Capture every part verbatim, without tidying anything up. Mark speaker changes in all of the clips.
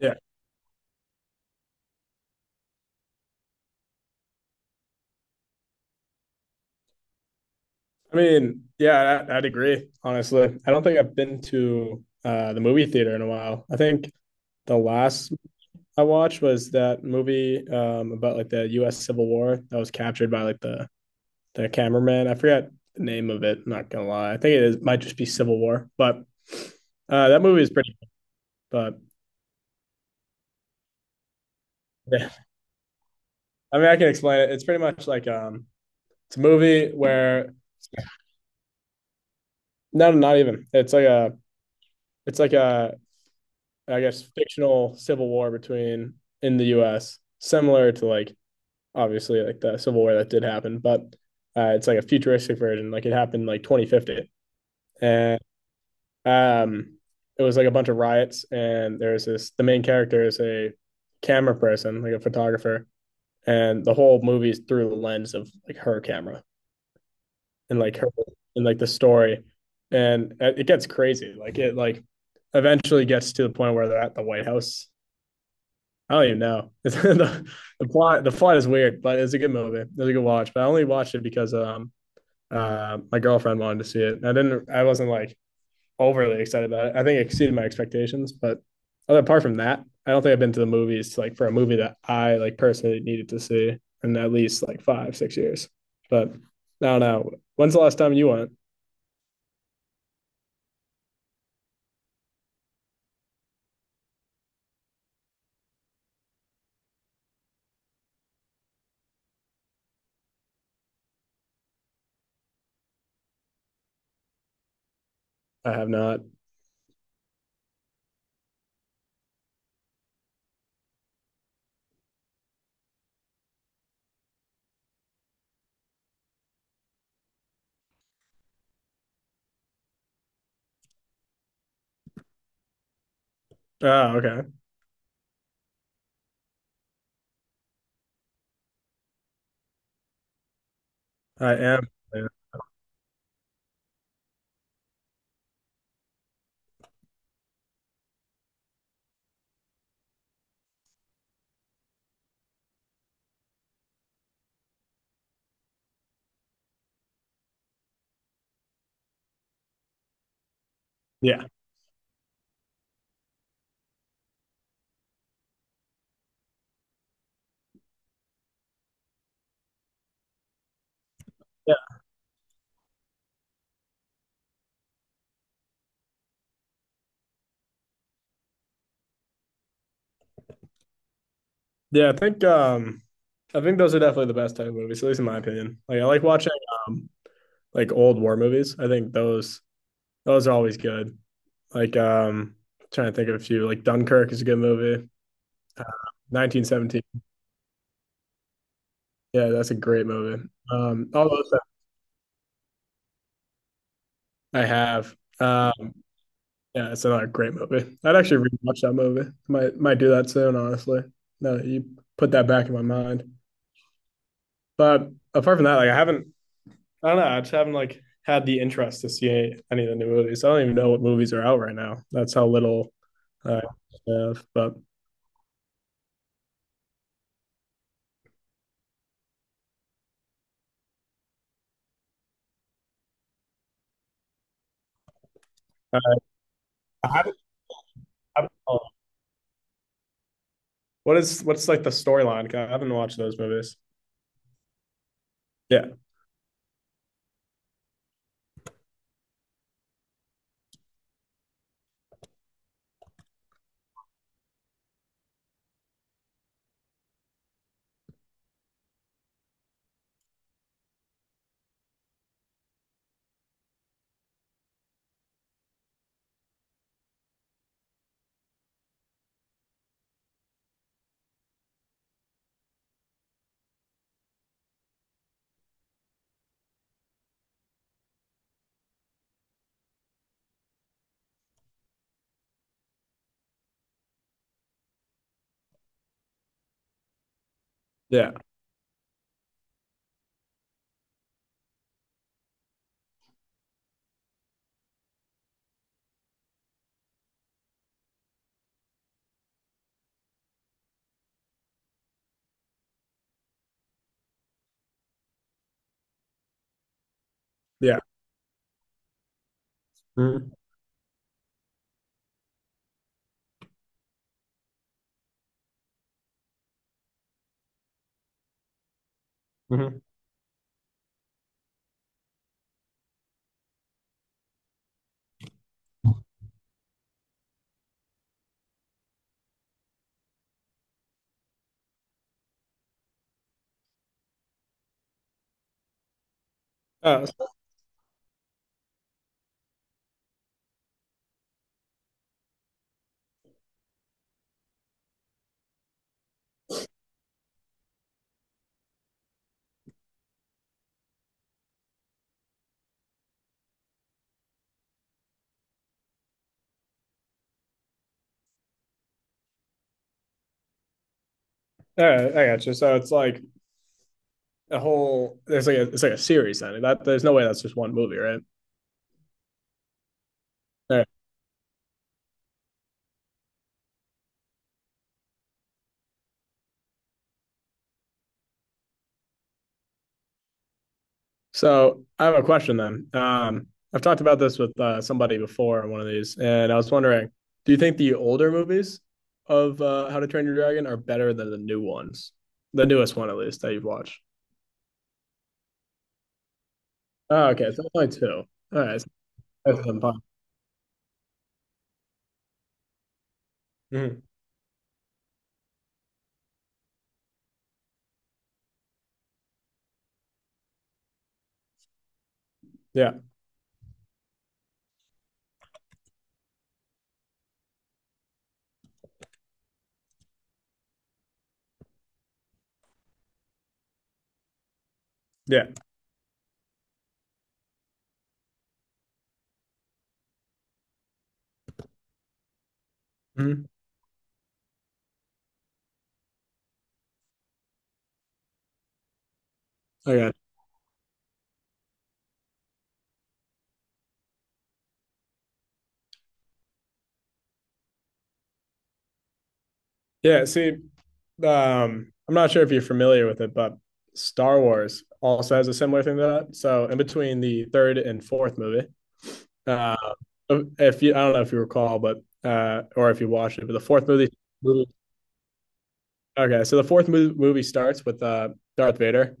Speaker 1: Yeah. I mean, yeah, I, I'd agree, honestly. I don't think I've been to uh, the movie theater in a while. I think the last I watched was that movie um, about like the U S Civil War that was captured by like the the cameraman. I forgot the name of it, I'm not gonna lie. I think it is, might just be Civil War, but uh, that movie is pretty but yeah. I mean I can explain it. It's pretty much like um it's a movie where no, not even. It's like a it's like a I guess fictional civil war between in the U S similar to like obviously like the civil war that did happen, but uh, it's like a futuristic version. Like it happened like twenty fifty, and um, it was like a bunch of riots, and there's this the main character is a camera person, like a photographer, and the whole movie's through the lens of like her camera and like her and like the story, and it it gets crazy. Like it like eventually gets to the point where they're at the White House. I don't even know. the, the plot the plot is weird, but it's a good movie. It was a good watch. But I only watched it because um uh my girlfriend wanted to see it. I didn't I wasn't like overly excited about it. I think it exceeded my expectations, but other apart from that, I don't think I've been to the movies like for a movie that I like personally needed to see in at least like five, six years. But I don't know. When's the last time you went? I have not. Oh, okay. I am. Yeah. Yeah, I think um I think those are definitely the best type of movies, at least in my opinion. Like I like watching um like old war movies. I think those those are always good. Like um trying to think of a few. Like Dunkirk is a good movie. nineteen seventeen. Yeah, that's a great movie. Um all those that I have. Um yeah, it's another great movie. I'd actually rewatch that movie. Might might do that soon, honestly. No, you put that back in my mind. But apart from that, like I haven't I don't know. I just haven't like had the interest to see any of the new movies. I don't even know what movies are out right now. That's how little uh, I have. But uh, I haven't, I haven't- oh, what is what's like the storyline? 'Cause I haven't watched those movies. Yeah, yeah, yeah. Mm-hmm. Mm-hmm. Oh, so- all right, I got you. So it's like a whole. It's like a, it's like a series then. That there's no way that's just one movie, right? All So I have a question then. Um, I've talked about this with uh, somebody before on one of these, and I was wondering, do you think the older movies of uh, How to Train Your Dragon are better than the new ones? The newest one, at least, that you've watched. Oh, okay. So only two. All right. So that's impossible. Mhm. Yeah. Yeah. Hmm. I got it. Yeah. See, um, I'm not sure if you're familiar with it, but Star Wars also has a similar thing to that. So in between the third and fourth movie, uh, Um, if you, I don't know if you recall, but uh, or if you watched it, but the fourth movie. Okay, so the fourth movie starts with uh, Darth Vader,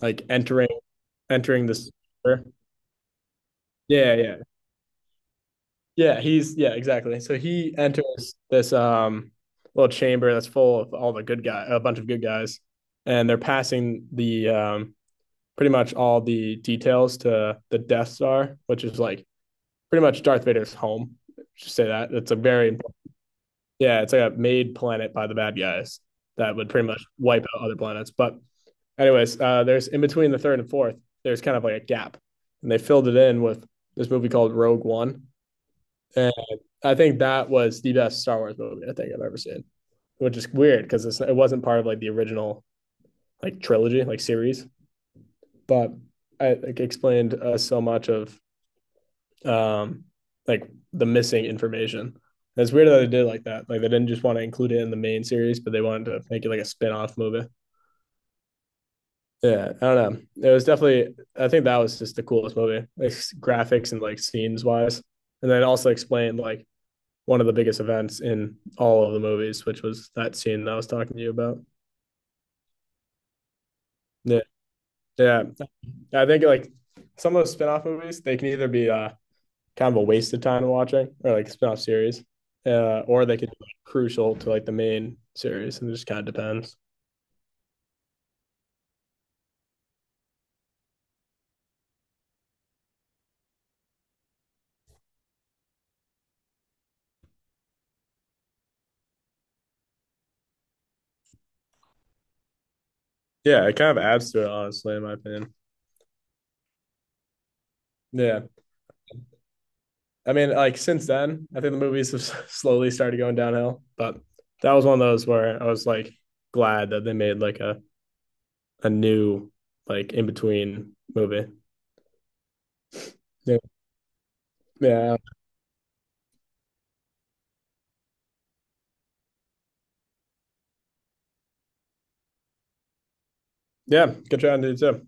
Speaker 1: like entering entering this. Yeah, yeah, yeah. He's yeah, exactly. So he enters this um little chamber that's full of all the good guy, a bunch of good guys, and they're passing the um pretty much all the details to the Death Star, which is like pretty much Darth Vader's home. Just say that it's a very. Yeah, it's like a made planet by the bad guys that would pretty much wipe out other planets. But anyways, uh, there's in between the third and fourth, there's kind of like a gap, and they filled it in with this movie called Rogue One, and I think that was the best Star Wars movie I think I've ever seen, which is weird because it wasn't part of like the original like trilogy like series, but I like, explained uh, so much of um like the missing information. And it's weird that they did it like that. Like they didn't just want to include it in the main series, but they wanted to make it like a spin-off movie. Yeah, I don't know. It was definitely I think that was just the coolest movie, like graphics and like scenes wise. And then also explained like one of the biggest events in all of the movies, which was that scene that I was talking to you about. Yeah. Yeah. I think like some of those spin-off movies, they can either be uh kind of a waste of time watching or like spin-off series. Uh, or they could be like, crucial to like the main series and it just kind of depends. Yeah, it kind of adds to it honestly in my opinion. Yeah. I mean, like since then, I think the movies have slowly started going downhill, but that was one of those where I was like glad that they made like a a new like in between movie. Yeah. Yeah. Yeah, good trying to do too.